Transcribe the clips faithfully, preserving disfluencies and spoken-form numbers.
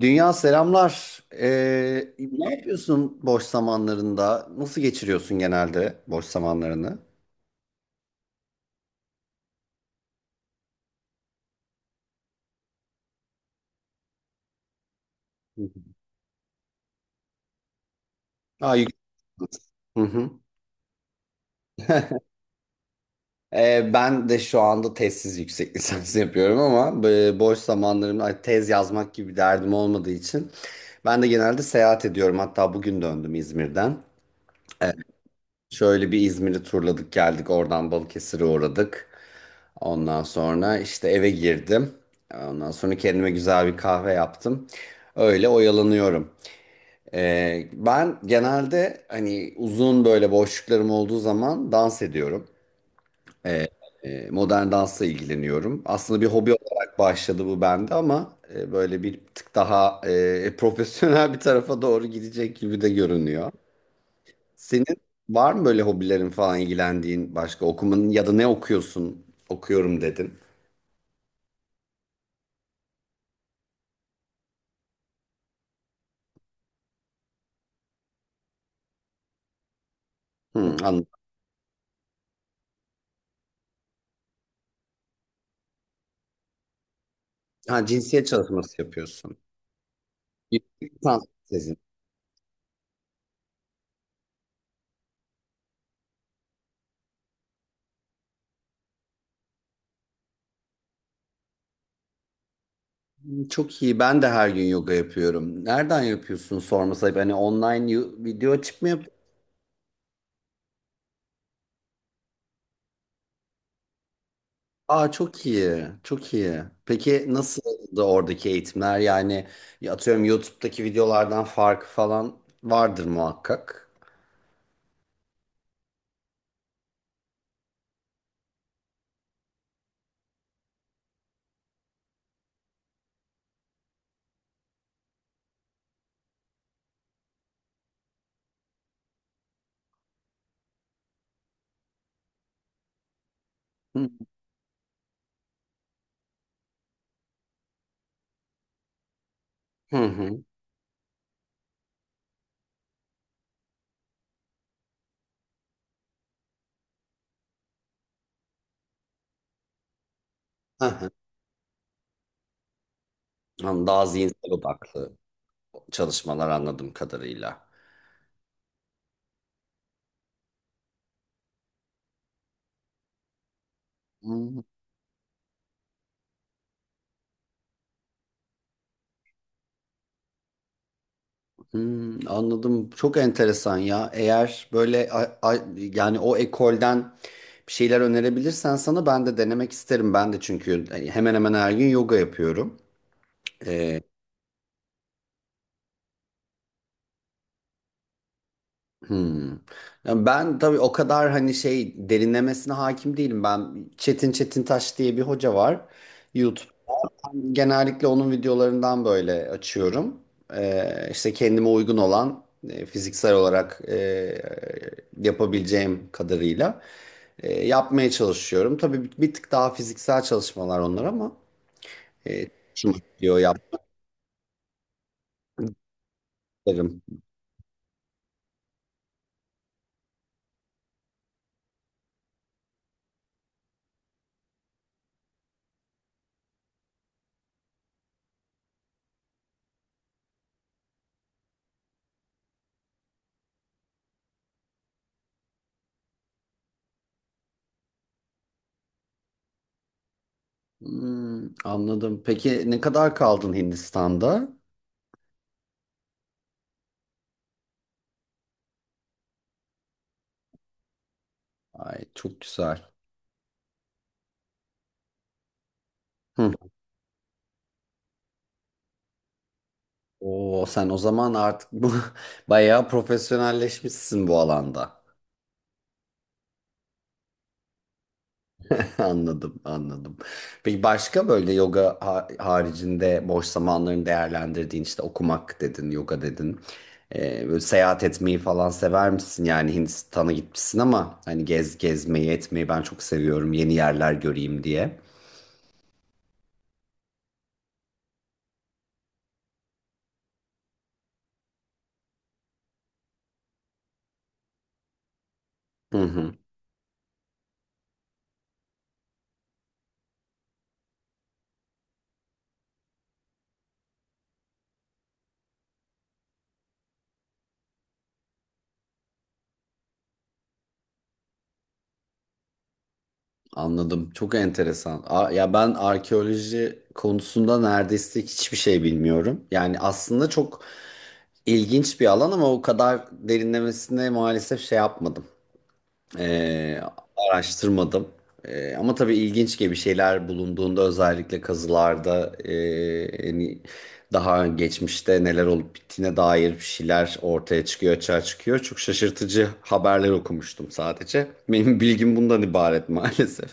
Dünya selamlar. Ee, ne yapıyorsun boş zamanlarında? Nasıl geçiriyorsun genelde boş zamanlarını? Hı hı. Aa, yük- Hı hı. Ee, ben de şu anda tezsiz yüksek lisans yapıyorum ama e, boş zamanlarımda ay, tez yazmak gibi derdim olmadığı için ben de genelde seyahat ediyorum. Hatta bugün döndüm İzmir'den. Şöyle bir İzmir'i turladık geldik oradan Balıkesir'e uğradık. Ondan sonra işte eve girdim. Ondan sonra kendime güzel bir kahve yaptım. Öyle oyalanıyorum. Ee, ben genelde hani uzun böyle boşluklarım olduğu zaman dans ediyorum. Ee, modern dansla ilgileniyorum. Aslında bir hobi olarak başladı bu bende ama e, böyle bir tık daha e, profesyonel bir tarafa doğru gidecek gibi de görünüyor. Senin var mı böyle hobilerin falan ilgilendiğin başka okumanın ya da ne okuyorsun? Okuyorum dedin. Hı, anladım. Ha, cinsiyet çalışması yapıyorsun. Yüksek lisans tezin. Çok iyi. Ben de her gün yoga yapıyorum. Nereden yapıyorsun sorması ayıp. Hani online yo- video açıp mı yapıyorsun? Aa çok iyi. Çok iyi. Peki nasıl da oradaki eğitimler? Yani ya atıyorum YouTube'daki videolardan farkı falan vardır muhakkak. Hı hı. Hı. Hı hı. Anladım. Daha zihinsel odaklı çalışmalar anladığım kadarıyla. Hı. Hmm, anladım. Çok enteresan ya. Eğer böyle a- a- yani o ekolden bir şeyler önerebilirsen sana ben de denemek isterim. Ben de çünkü hani, hemen hemen her gün yoga yapıyorum. Hmm. Yani ben tabii o kadar hani şey derinlemesine hakim değilim. Ben Çetin Çetin Taş diye bir hoca var YouTube'da. Ben genellikle onun videolarından böyle açıyorum. Ee, işte kendime uygun olan e, fiziksel olarak e, yapabileceğim kadarıyla e, yapmaya çalışıyorum. Tabii bir, bir tık daha fiziksel çalışmalar onlar ama e, şunu diyor yaptığım. Hmm, anladım. Peki ne kadar kaldın Hindistan'da? Ay çok güzel. Hı. Oo, sen o zaman artık bu bayağı profesyonelleşmişsin bu alanda. Anladım, anladım. Peki başka böyle yoga ha- haricinde boş zamanlarını değerlendirdiğin işte okumak dedin, yoga dedin. Ee, böyle seyahat etmeyi falan sever misin? Yani Hindistan'a gitmişsin ama hani gez gezmeyi etmeyi ben çok seviyorum yeni yerler göreyim diye. Hı hı, anladım. Çok enteresan. A- ya ben arkeoloji konusunda neredeyse hiçbir şey bilmiyorum. Yani aslında çok İlginç bir alan ama o kadar derinlemesine maalesef şey yapmadım. Ee, Araştırmadım. Ee, ama tabii ilginç gibi şeyler bulunduğunda özellikle kazılarda ee, hani daha geçmişte neler olup bittiğine dair bir şeyler ortaya çıkıyor, açığa çıkıyor. Çok şaşırtıcı haberler okumuştum sadece. Benim bilgim bundan ibaret maalesef.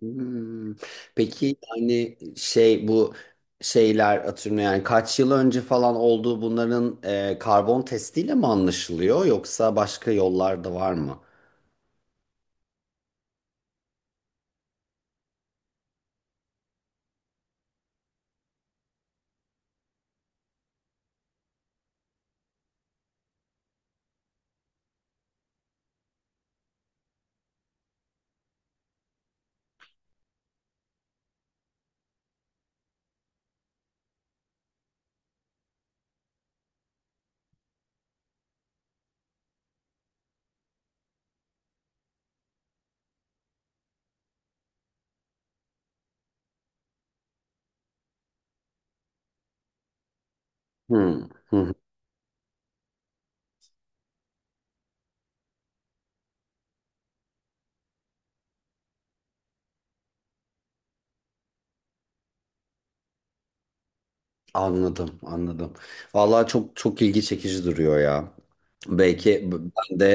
Hmm. Peki yani şey bu şeyler atıyorum yani kaç yıl önce falan olduğu bunların e, karbon testiyle mi anlaşılıyor yoksa başka yollar da var mı? Hmm. Hı. Anladım, anladım. Vallahi çok çok ilgi çekici duruyor ya. Belki b- ben de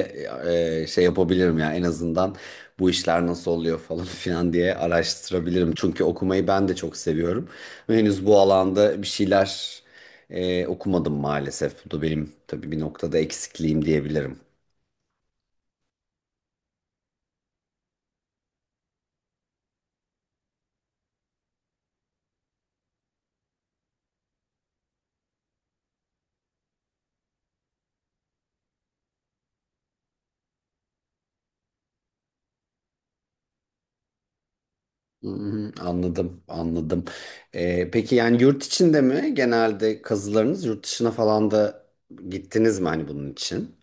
e, şey yapabilirim ya en azından bu işler nasıl oluyor falan filan diye araştırabilirim. Çünkü okumayı ben de çok seviyorum. Ve henüz bu alanda bir şeyler e, okumadım maalesef. Bu da benim tabii bir noktada eksikliğim diyebilirim. Hmm, anladım, anladım. Ee, peki yani yurt içinde mi genelde kazılarınız, yurt dışına falan da gittiniz mi hani bunun için?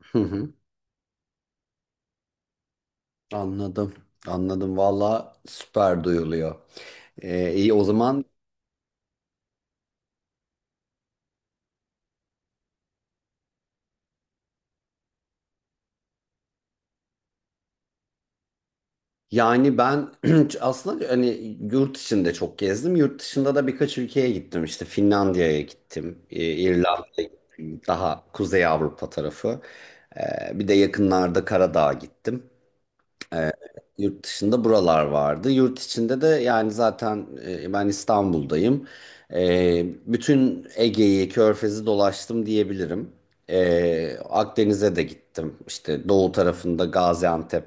Anladım. Anladım. Valla süper duyuluyor. Ee, iyi o zaman yani ben aslında hani yurt içinde çok gezdim. Yurt dışında da birkaç ülkeye gittim. İşte Finlandiya'ya gittim. e, İrlanda'ya gittim. Daha Kuzey Avrupa tarafı. Ee, bir de yakınlarda Karadağ'a gittim. Yurt dışında buralar vardı. Yurt içinde de yani zaten e, ben İstanbul'dayım. E, Bütün Ege'yi, Körfez'i dolaştım diyebilirim. E, Akdeniz'e de gittim. İşte doğu tarafında Gaziantep,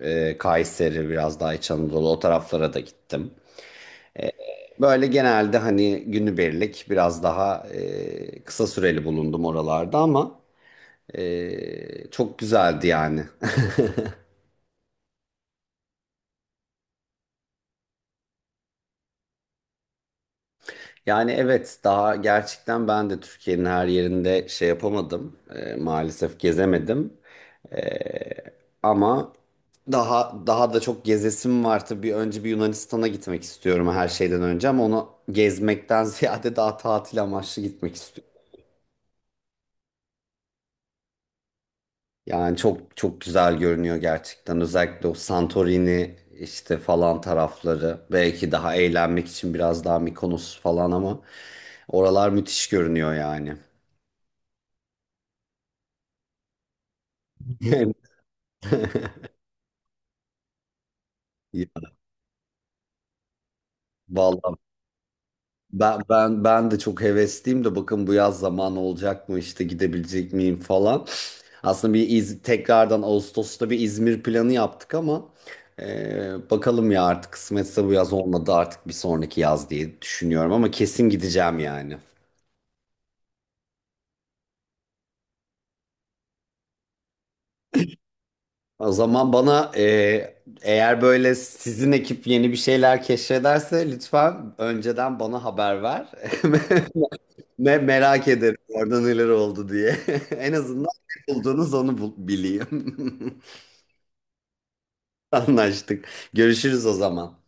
e, Kayseri, biraz daha İç Anadolu o taraflara da gittim. Böyle genelde hani günübirlik biraz daha e, kısa süreli bulundum oralarda ama e, çok güzeldi yani. Yani evet daha gerçekten ben de Türkiye'nin her yerinde şey yapamadım. Ee, maalesef gezemedim. Ee, Ama daha daha da çok gezesim var tabii. Önce bir Yunanistan'a gitmek istiyorum her şeyden önce ama onu gezmekten ziyade daha tatil amaçlı gitmek istiyorum. Yani çok çok güzel görünüyor gerçekten. Özellikle o Santorini işte falan tarafları. Belki daha eğlenmek için biraz daha Mikonos falan ama oralar müthiş görünüyor yani. Ya, vallahi ben ben ben de çok hevesliyim de bakın bu yaz zaman olacak mı işte gidebilecek miyim falan. Aslında bir İz- tekrardan Ağustos'ta bir İzmir planı yaptık ama e, bakalım ya artık kısmetse bu yaz olmadı artık bir sonraki yaz diye düşünüyorum ama kesin gideceğim yani. O zaman bana e, eğer böyle sizin ekip yeni bir şeyler keşfederse lütfen önceden bana haber ver. Me merak ederim orada neler oldu diye. En azından ne buldunuz onu bul- bileyim. Anlaştık. Görüşürüz o zaman.